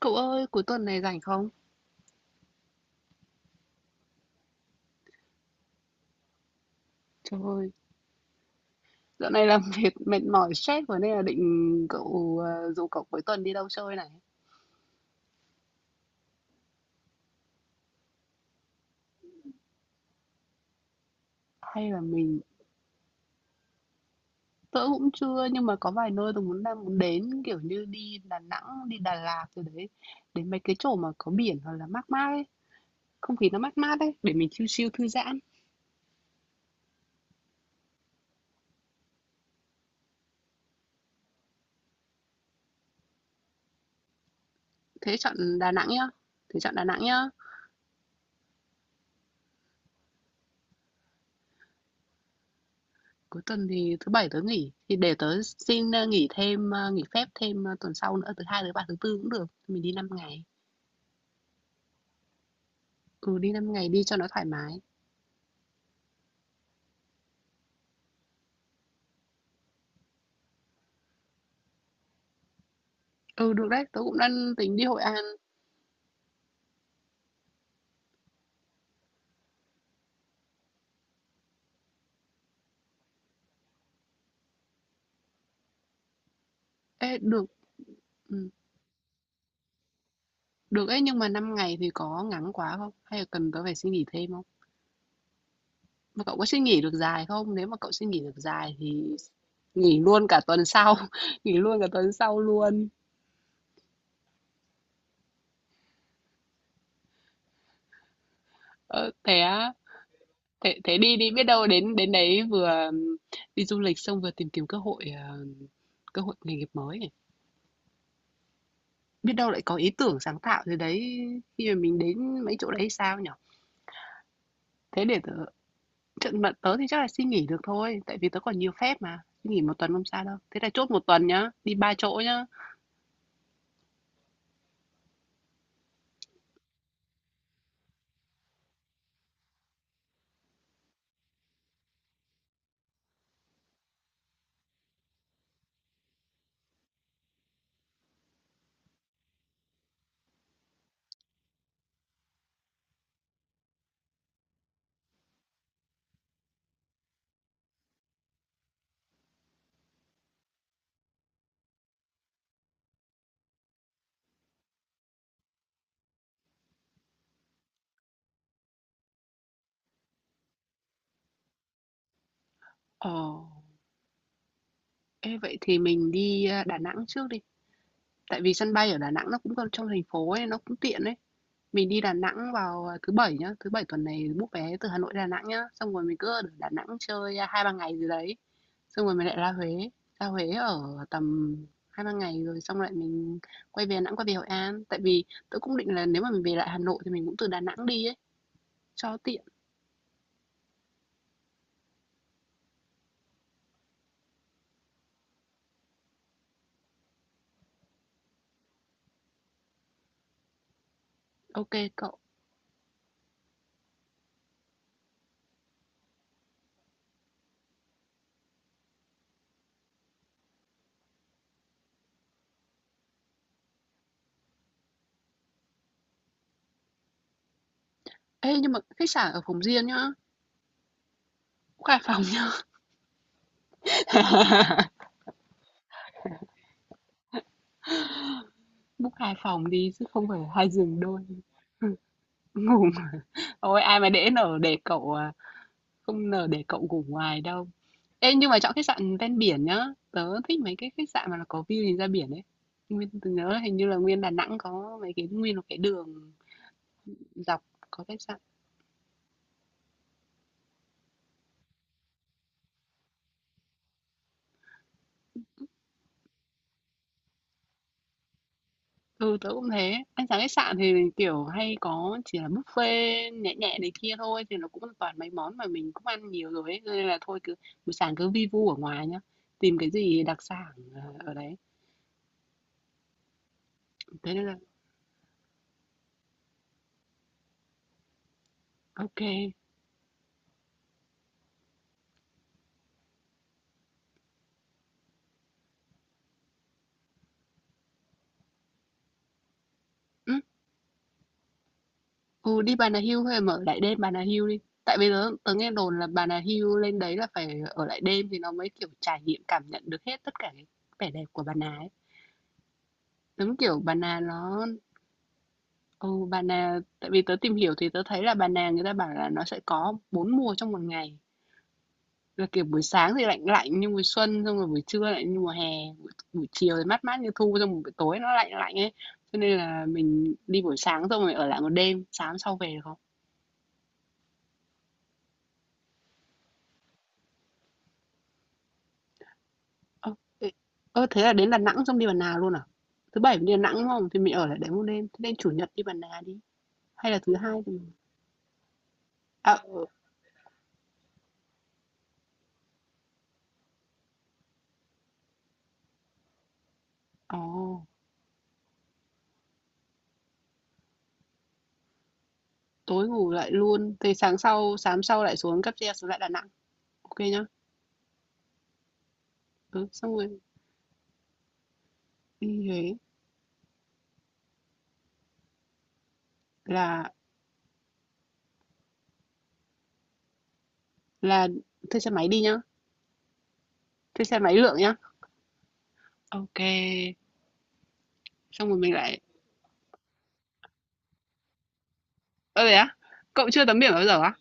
Cậu ơi, cuối tuần này rảnh không? Trời ơi, dạo này làm việc mệt mỏi stress rồi nên là định rủ cậu cuối tuần đi đâu chơi này. Hay là mình Tớ cũng chưa nhưng mà có vài nơi tôi muốn đang muốn đến kiểu như đi Đà Nẵng, đi Đà Lạt rồi đấy. Đến mấy cái chỗ mà có biển hoặc là mát mát ấy, không khí nó mát mát ấy để mình chill chill thư giãn. Thế chọn Đà Nẵng nhá. Thế chọn Đà Nẵng nhá. Cuối tuần thì thứ bảy tớ nghỉ thì để tớ xin nghỉ thêm nghỉ phép thêm tuần sau nữa thứ hai thứ ba thứ tư cũng được. Mình đi 5 ngày. Ừ, đi 5 ngày đi cho nó thoải mái. Ừ, được đấy, tớ cũng đang tính đi Hội An. Ê, được, ừ, được ấy, nhưng mà 5 ngày thì có ngắn quá không? Hay là cần tớ phải suy nghĩ thêm không? Mà cậu có suy nghĩ được dài không? Nếu mà cậu suy nghĩ được dài thì nghỉ luôn cả tuần sau, nghỉ luôn cả tuần sau luôn. Ờ, thế á, thế, thế đi đi, biết đâu đến đến đấy vừa ừ, đi du lịch xong vừa tìm kiếm cơ hội nghề nghiệp mới ấy. Biết đâu lại có ý tưởng sáng tạo gì đấy khi mà mình đến mấy chỗ đấy sao nhở. Thế để tớ Trận mà tớ thì chắc là xin nghỉ được thôi, tại vì tớ còn nhiều phép mà, xin nghỉ một tuần không sao đâu. Thế là chốt một tuần nhá, đi 3 chỗ nhá. Ờ, ê vậy thì mình đi Đà Nẵng trước đi, tại vì sân bay ở Đà Nẵng nó cũng còn trong thành phố ấy, nó cũng tiện ấy. Mình đi Đà Nẵng vào thứ bảy nhá, thứ bảy tuần này book vé từ Hà Nội Đà Nẵng nhá, xong rồi mình cứ ở Đà Nẵng chơi hai ba ngày gì đấy, xong rồi mình lại ra Huế ở tầm hai ba ngày rồi xong lại mình quay về Đà Nẵng quay về Hội An, tại vì tớ cũng định là nếu mà mình về lại Hà Nội thì mình cũng từ Đà Nẵng đi ấy. Cho tiện, ok cậu. Ê, nhưng mà khách sạn ở phòng riêng nhá, book hai phòng nhá. Book hai phòng đi chứ không phải hai giường đôi. Ngủ. Ôi ai mà để nở để cậu à, không nở để cậu ngủ ngoài đâu. Ê nhưng mà chọn khách sạn ven biển nhá. Tớ thích mấy cái khách sạn mà nó có view nhìn ra biển ấy. Nguyên tớ nhớ là hình như là Nguyên Đà Nẵng có mấy cái Nguyên có cái đường dọc có khách sạn. Ừ, tớ cũng thế. Ăn sáng khách sạn thì kiểu hay có chỉ là buffet nhẹ nhẹ này kia thôi thì nó cũng toàn mấy món mà mình cũng ăn nhiều rồi ấy. Cho nên là thôi cứ buổi sáng cứ vi vu ở ngoài nhá. Tìm cái gì đặc sản ở đấy. Thế nên là ok. Ừ, ừ đi Bà Nà Hills hay mở lại đêm Bà Nà Hills đi. Tại bây giờ tớ nghe đồn là Bà Nà Hills lên đấy là phải ở lại đêm thì nó mới kiểu trải nghiệm cảm nhận được hết tất cả cái vẻ đẹp của Bà Nà ấy. Giống kiểu Bà Nà nó. Ồ, bà nà tại vì tớ tìm hiểu thì tớ thấy là bà nà người ta bảo là nó sẽ có 4 mùa trong một ngày. Là kiểu buổi sáng thì lạnh lạnh như mùa xuân, xong rồi buổi trưa lại như mùa hè, buổi chiều thì mát mát như thu, xong rồi buổi tối nó lạnh lạnh ấy. Cho nên là mình đi buổi sáng xong rồi ở lại một đêm, sáng sau về được không? Ơ, ê, ơ thế là đến Đà Nẵng xong đi Bà Nà luôn à? Thứ bảy mình đi Đà Nẵng đúng không? Thì mình ở lại đấy một đêm, thế nên chủ nhật đi Bà Nà đi. Hay là thứ hai thì... À, ồ, tối ngủ lại luôn, thì sáng sau lại xuống cáp treo xuống lại Đà Nẵng. Ok nhá. Ừ, xong rồi đi Huế là là thuê xe máy đi nhá, thuê xe máy lượn nhá. Ok, xong rồi mình lại. Ơ đấy á, cậu chưa tắm biển bao giờ á?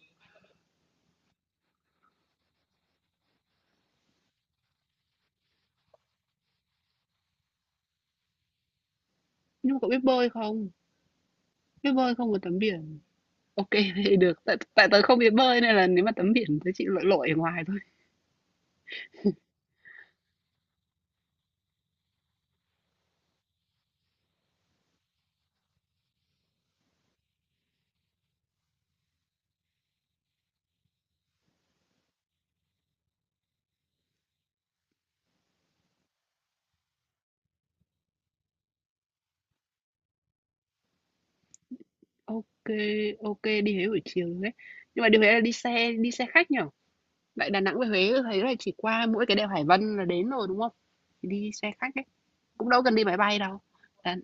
Nhưng mà cậu biết bơi không? Biết bơi không mà tắm biển? Ok, thế được, tại tại tớ không biết bơi nên là nếu mà tắm biển tớ chỉ lội lội ở ngoài thôi. Ok, ok đi Huế buổi chiều đấy. Nhưng mà đi Huế là đi xe khách nhở? Lại Đà Nẵng về Huế thấy là chỉ qua mỗi cái đèo Hải Vân là đến rồi đúng không? Thì đi xe khách ấy, cũng đâu cần đi máy bay đâu. Đà,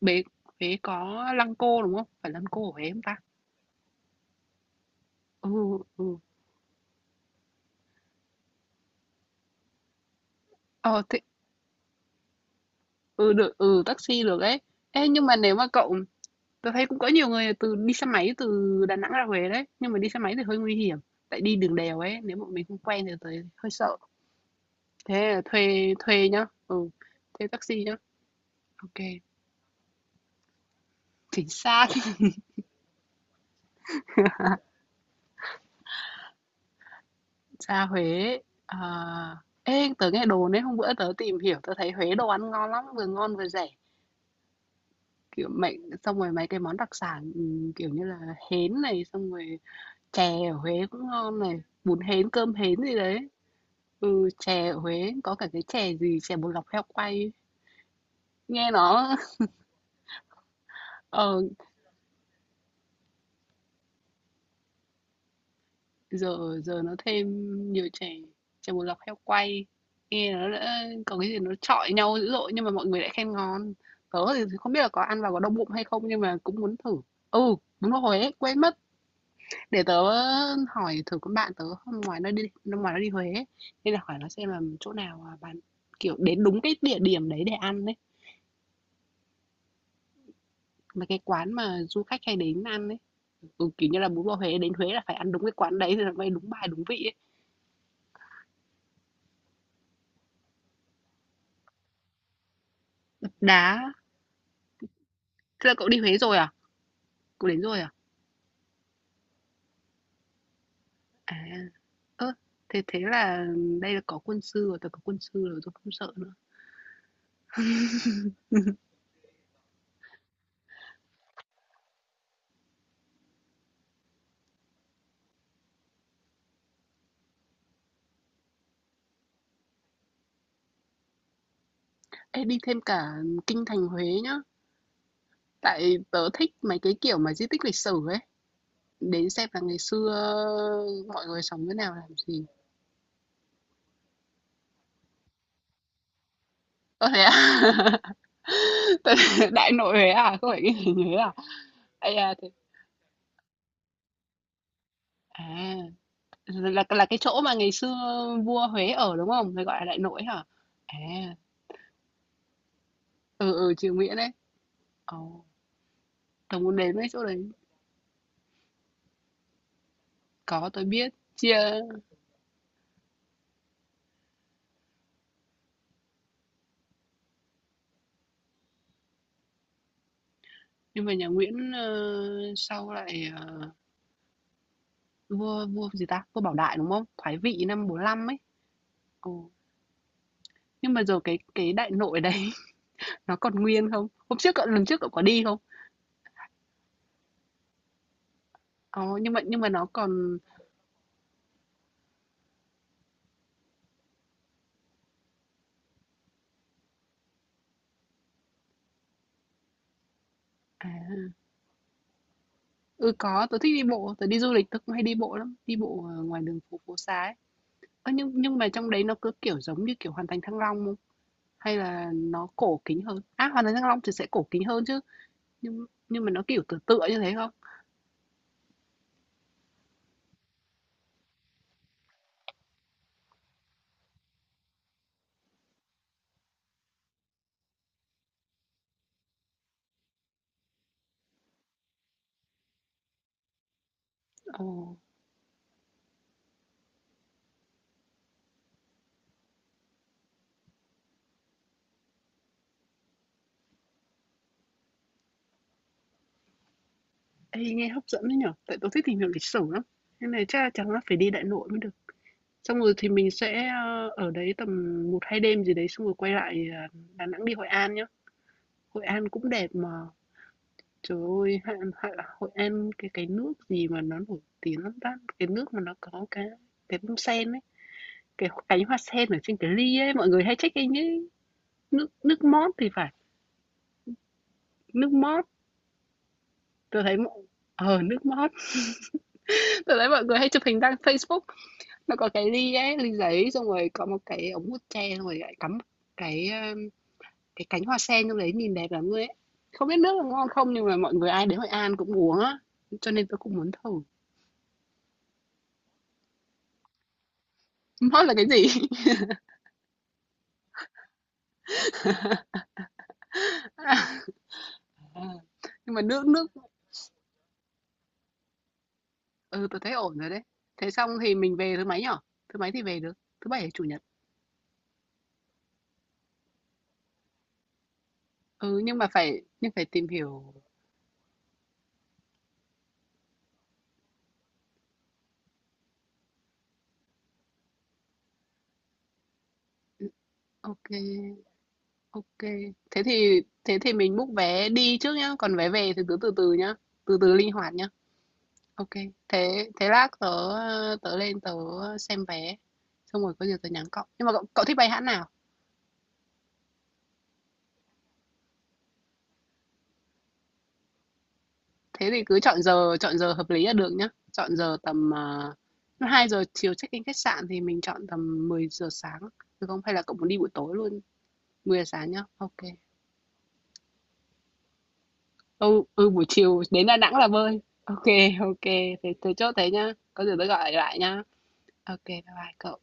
Huế Huế có Lăng Cô, đúng không? Phải Lăng Cô ở Huế không ta? Ừ, ừ. Ờ, thế, ừ, được, ừ, taxi được ấy. Ê, nhưng mà nếu mà cậu, tôi thấy cũng có nhiều người từ đi xe máy từ Đà Nẵng ra Huế đấy. Nhưng mà đi xe máy thì hơi nguy hiểm. Tại đi đường đèo ấy, nếu mà mình không quen thì tới hơi sợ. Thế là thuê, thuê nhá. Ừ, thuê taxi nhá. Ok, chính xác. Ra Huế. À, ê, tớ nghe đồn ấy, hôm bữa tớ tìm hiểu, tớ thấy Huế đồ ăn ngon lắm, vừa ngon vừa rẻ. Kiểu, mấy xong rồi mấy cái món đặc sản, kiểu như là, hến này, xong rồi chè ở Huế cũng ngon này, bún hến, cơm hến gì đấy. Ừ, chè ở Huế có cả cái chè gì, chè bột lọc heo quay ấy. Nghe nó ờ, giờ giờ nó thêm nhiều chè, chè bột lọc heo quay. Nghe nó đã có cái gì nó chọi nhau dữ dội nhưng mà mọi người lại khen ngon. Tớ thì không biết là có ăn vào có đau bụng hay không nhưng mà cũng muốn thử. Ừ, đúng rồi Huế, quên mất. Để tớ hỏi thử con bạn tớ hôm ngoài nó đi Huế ấy. Nên là hỏi nó xem là chỗ nào à, bán kiểu đến đúng cái địa điểm đấy để ăn đấy, mà cái quán mà du khách hay đến ăn đấy, ừ, kiểu như là bún bò Huế đến Huế là phải ăn đúng cái quán đấy thì nó mới đúng bài đúng vị ấy. Đá, thế là cậu đi Huế rồi à? Cậu đến rồi à? À, ơ thế thế là đây là có quân sư rồi, tớ có quân sư rồi, tôi không sợ nữa. Ê, đi thêm cả kinh thành Huế nhá, tại tớ thích mấy cái kiểu mà di tích lịch sử ấy. Đến xem là ngày xưa mọi người sống thế nào, làm gì. Ơ, thế à? Đại Nội Huế à? Không phải cái gì Huế à? Ây da, thế à, là cái chỗ mà ngày xưa vua Huế ở, đúng không? Người gọi là Đại Nội hả? À, ừ, ừ, triều Nguyễn đấy. Ồ, tớ muốn đến mấy chỗ đấy. Có, tôi biết. Chia nhưng mà nhà Nguyễn sau lại vua, vua gì ta? Vua Bảo Đại đúng không? Thoái vị năm bốn lăm ấy. Ồ. Nhưng mà giờ cái Đại Nội đấy, nó còn nguyên không? Hôm trước cậu, lần trước cậu có đi không? Có, nhưng mà nó còn à, ừ, có, tớ thích đi bộ, tớ đi du lịch tớ cũng hay đi bộ lắm, đi bộ ở ngoài đường phố phố xá ấy. Ơ, nhưng mà trong đấy nó cứ kiểu giống như kiểu Hoàn Thành Thăng Long không? Hay là nó cổ kính hơn? À Hoàn Thành Thăng Long thì sẽ cổ kính hơn chứ. Nhưng mà nó kiểu tựa tựa như thế không? Ồ, ê, nghe hấp dẫn đấy nhở, tại tớ thích tìm hiểu lịch sử lắm. Nên này chắc là chẳng là phải đi Đại Nội mới được. Xong rồi thì mình sẽ ở đấy tầm một hai đêm gì đấy xong rồi quay lại Đà Nẵng đi Hội An nhá. Hội An cũng đẹp mà. Trời ơi, Hạ, Hạ, Hội An cái nước gì mà nó nổi tiếng lắm ta? Cái nước mà nó có cái bông sen ấy, cái cánh hoa sen ở trên cái ly ấy, mọi người hay check in ấy. Nước nước mót thì phải, nước mót. Tôi thấy mọi ờ nước mót. Tôi thấy mọi người hay chụp hình đăng Facebook. Nó có cái ly ấy, ly giấy xong rồi có một cái ống hút tre xong rồi lại cắm một cái um, cái cánh hoa sen trong đấy nhìn đẹp lắm luôn ấy. Không biết nước là ngon không nhưng mà mọi người ai đến Hội An cũng uống á, cho nên tôi cũng muốn thử. Hot là cái gì? À, nhưng mà nước nước ừ, tớ thấy ổn rồi đấy. Thế xong thì mình về thứ mấy nhở? Thứ mấy thì về được? Thứ bảy hay chủ nhật? Ừ, nhưng mà phải nhưng phải tìm hiểu. Ừ, ok, ok. Thế thì mình book vé đi trước nhá, còn vé về thì cứ từ từ nhá, từ từ linh hoạt nhá. Ok. Thế thế lát tớ tớ lên tớ xem vé, xong rồi có gì tớ nhắn cậu. Nhưng mà cậu, cậu thích bay hãng nào? Thế thì cứ chọn giờ hợp lý là được nhá. Chọn giờ tầm, à, lúc 2 giờ chiều check-in khách sạn thì mình chọn tầm mười giờ sáng, được không? Hay là cậu muốn đi buổi tối luôn? Mười giờ sáng nhá. Ok kê. Ừ, ừ, buổi chiều đến Đà Nẵng là bơi. Ok ok ô kê. Thế thế chốt thế nhá. Có gì tôi gọi lại nhá. Ok bye bye cậu.